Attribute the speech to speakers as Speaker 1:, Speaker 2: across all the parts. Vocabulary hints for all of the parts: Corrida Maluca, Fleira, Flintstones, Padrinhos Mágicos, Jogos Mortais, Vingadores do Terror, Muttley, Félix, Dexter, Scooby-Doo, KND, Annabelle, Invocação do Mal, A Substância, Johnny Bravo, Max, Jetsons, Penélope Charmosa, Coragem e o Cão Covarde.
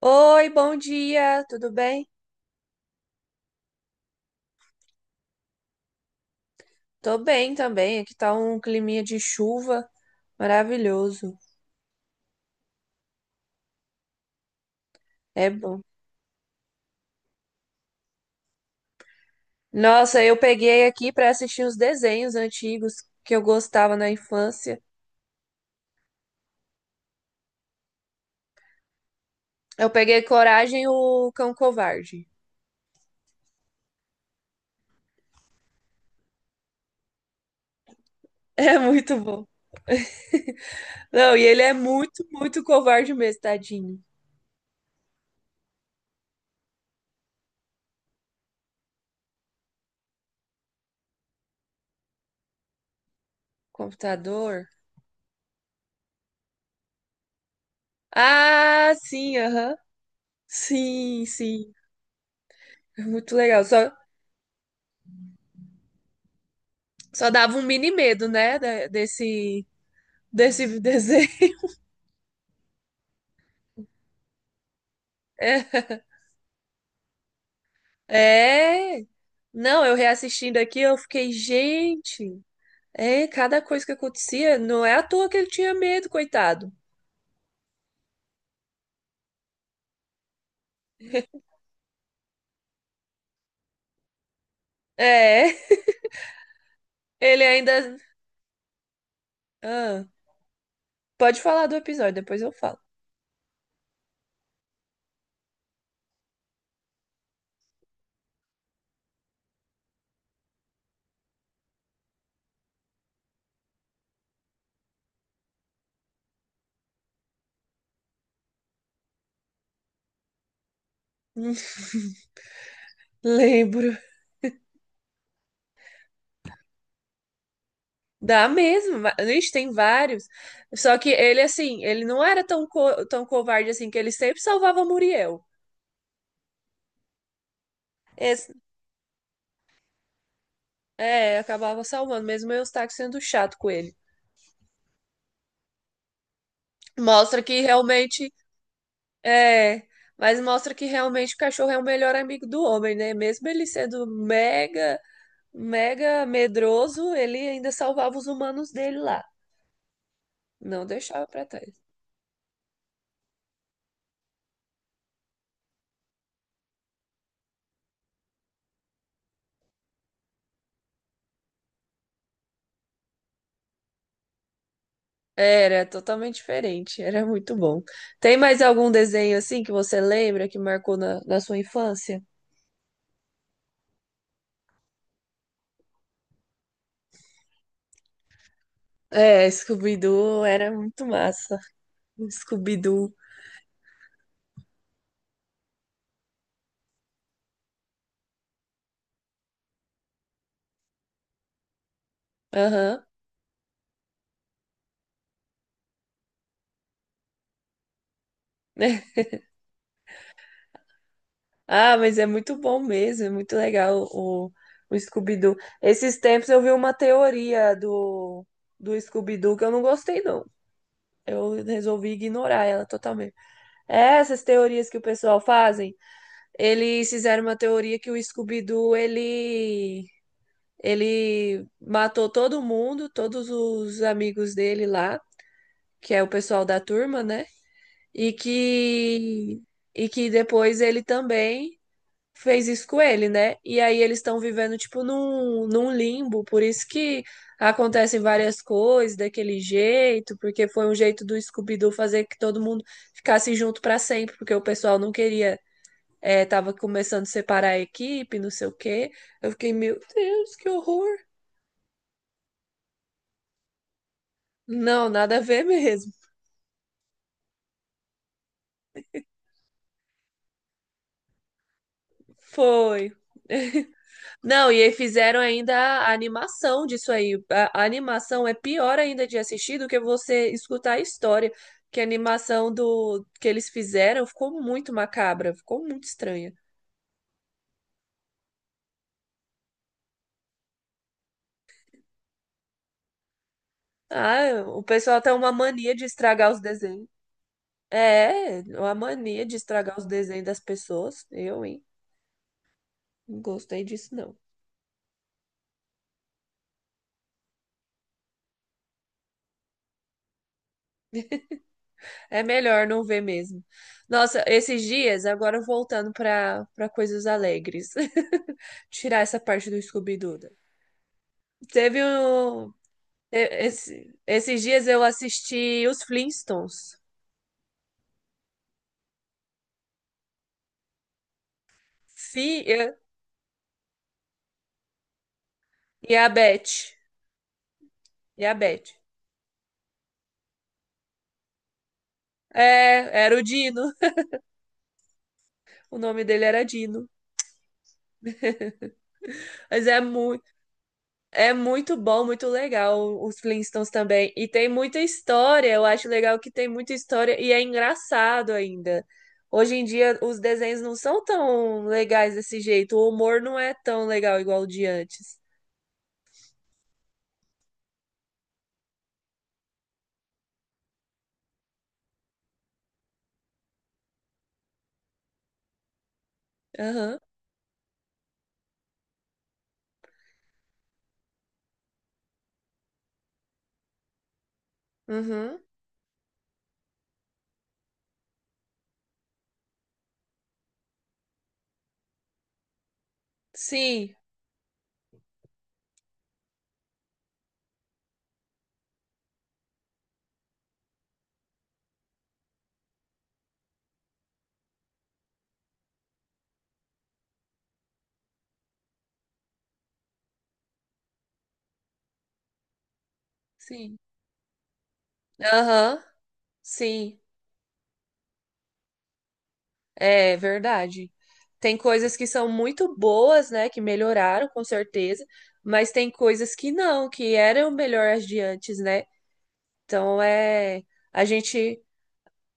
Speaker 1: Oi, bom dia, tudo bem? Tô bem também, aqui tá um climinha de chuva maravilhoso, é bom. Nossa, eu peguei aqui pra assistir os desenhos antigos que eu gostava na infância. Eu peguei Coragem e o Cão Covarde. É muito bom. Não, e ele é muito covarde mesmo, tadinho. Computador. Ah, sim, aham. Sim, sim. É muito legal. Só dava um mini medo, né, desse, desse desenho. É. É, não, eu reassistindo aqui, eu fiquei, gente, é, cada coisa que acontecia, não é à toa que ele tinha medo, coitado. É, ele ainda. Ah, pode falar do episódio, depois eu falo. Lembro. Dá mesmo, ixi, tem vários. Só que ele, assim, ele não era tão, tão covarde assim, que ele sempre salvava Muriel. Esse, é, acabava salvando, mesmo eu estar sendo chato com ele. Mostra que realmente é, mas mostra que realmente o cachorro é o melhor amigo do homem, né? Mesmo ele sendo mega medroso, ele ainda salvava os humanos dele lá, não deixava pra trás. Era totalmente diferente, era muito bom. Tem mais algum desenho assim que você lembra que marcou na sua infância? É, Scooby-Doo era muito massa. Scooby-Doo. Aham. Ah, mas é muito bom mesmo, é muito legal o Scooby-Doo. Esses tempos eu vi uma teoria do Scooby-Doo que eu não gostei, não. Eu resolvi ignorar ela totalmente. É, essas teorias que o pessoal fazem, eles fizeram uma teoria que o Scooby-Doo, ele matou todo mundo, todos os amigos dele lá, que é o pessoal da turma, né? E que, e que depois ele também fez isso com ele, né? E aí eles estão vivendo, tipo, num limbo, por isso que acontecem várias coisas daquele jeito, porque foi um jeito do Scooby-Doo fazer que todo mundo ficasse junto pra sempre, porque o pessoal não queria, é, tava começando a separar a equipe, não sei o quê. Eu fiquei, meu Deus, que horror! Não, nada a ver mesmo. Foi. Não, e aí fizeram ainda a animação disso aí. A animação é pior ainda de assistir do que você escutar a história. Que a animação do que eles fizeram ficou muito macabra, ficou muito estranha. Ah, o pessoal tem uma mania de estragar os desenhos. É, uma mania de estragar os desenhos das pessoas. Eu, hein? Não gostei disso, não. É melhor não ver mesmo. Nossa, esses dias, agora voltando para coisas alegres. Tirar essa parte do Scooby-Doo. Teve um. Esses dias eu assisti os Flintstones. Fia e a Beth. E a Beth. É, era o Dino. O nome dele era Dino. Mas é, muito é muito bom, muito legal os Flintstones também. E tem muita história. Eu acho legal que tem muita história e é engraçado ainda. Hoje em dia os desenhos não são tão legais desse jeito. O humor não é tão legal igual o de antes. Aham. Uhum. Sim. Sim. Aham, sim, é verdade. Tem coisas que são muito boas, né, que melhoraram com certeza, mas tem coisas que não, que eram melhores de antes, né? Então é a gente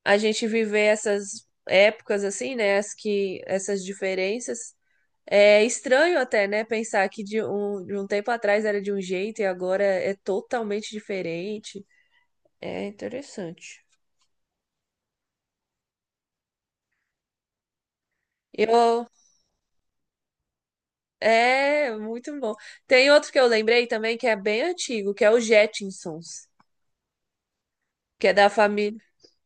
Speaker 1: a gente viver essas épocas assim, né, as que essas diferenças é estranho até, né, pensar que de de um tempo atrás era de um jeito e agora é totalmente diferente. É interessante. Eu é, muito bom. Tem outro que eu lembrei também que é bem antigo, que é o Jetsons, que é da família,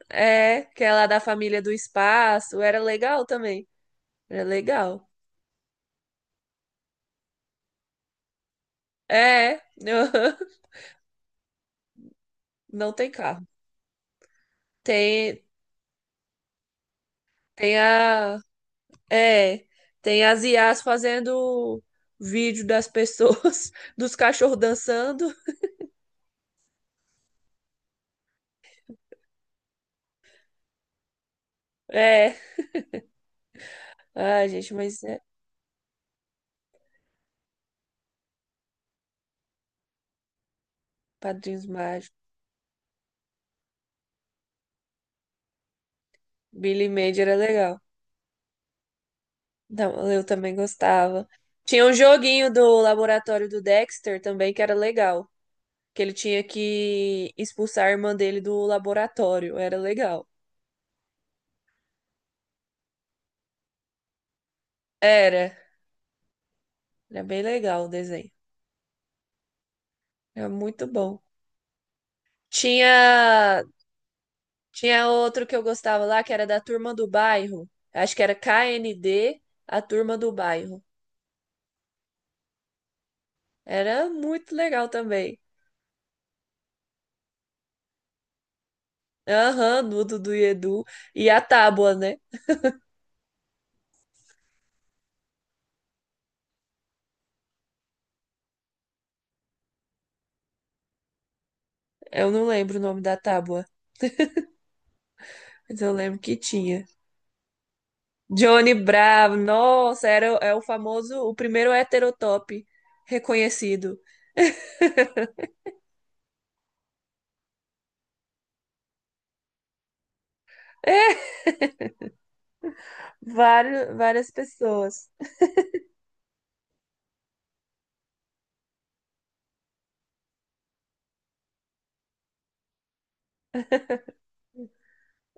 Speaker 1: é, que é lá da família do espaço. Era legal também. Era legal. É, não tem carro. Tem, tem a, é, tem as IAs fazendo vídeo das pessoas, dos cachorros dançando. É. Ai, gente, mas é Padrinhos Mágicos. Billy Mandy era legal. Não, eu também gostava. Tinha um joguinho do laboratório do Dexter também que era legal, que ele tinha que expulsar a irmã dele do laboratório, era legal. Era, era bem legal o desenho. Era muito bom. Tinha Tinha outro que eu gostava lá que era da turma do bairro. Acho que era KND a turma do bairro. Era muito legal também. Aham, do Dudu e Edu e a tábua, né? Eu não lembro o nome da tábua, mas eu lembro que tinha. Johnny Bravo, nossa, era, é o famoso, o primeiro heterotop reconhecido. É, vários, várias pessoas.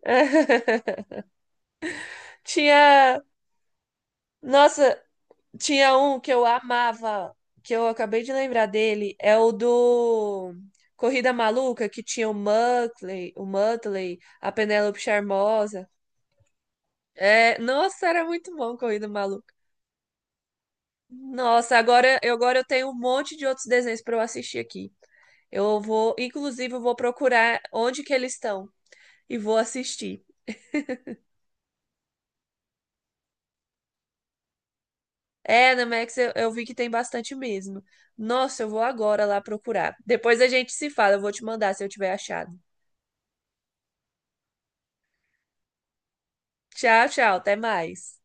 Speaker 1: Tinha, nossa, tinha um que eu amava, que eu acabei de lembrar dele, é o do Corrida Maluca, que tinha o Muttley, a Penélope Charmosa. É, nossa, era muito bom Corrida Maluca. Nossa, agora, agora eu tenho um monte de outros desenhos para eu assistir aqui. Eu vou, inclusive, eu vou procurar onde que eles estão e vou assistir. É, na Max eu vi que tem bastante mesmo. Nossa, eu vou agora lá procurar. Depois a gente se fala, eu vou te mandar se eu tiver achado. Tchau, tchau, até mais.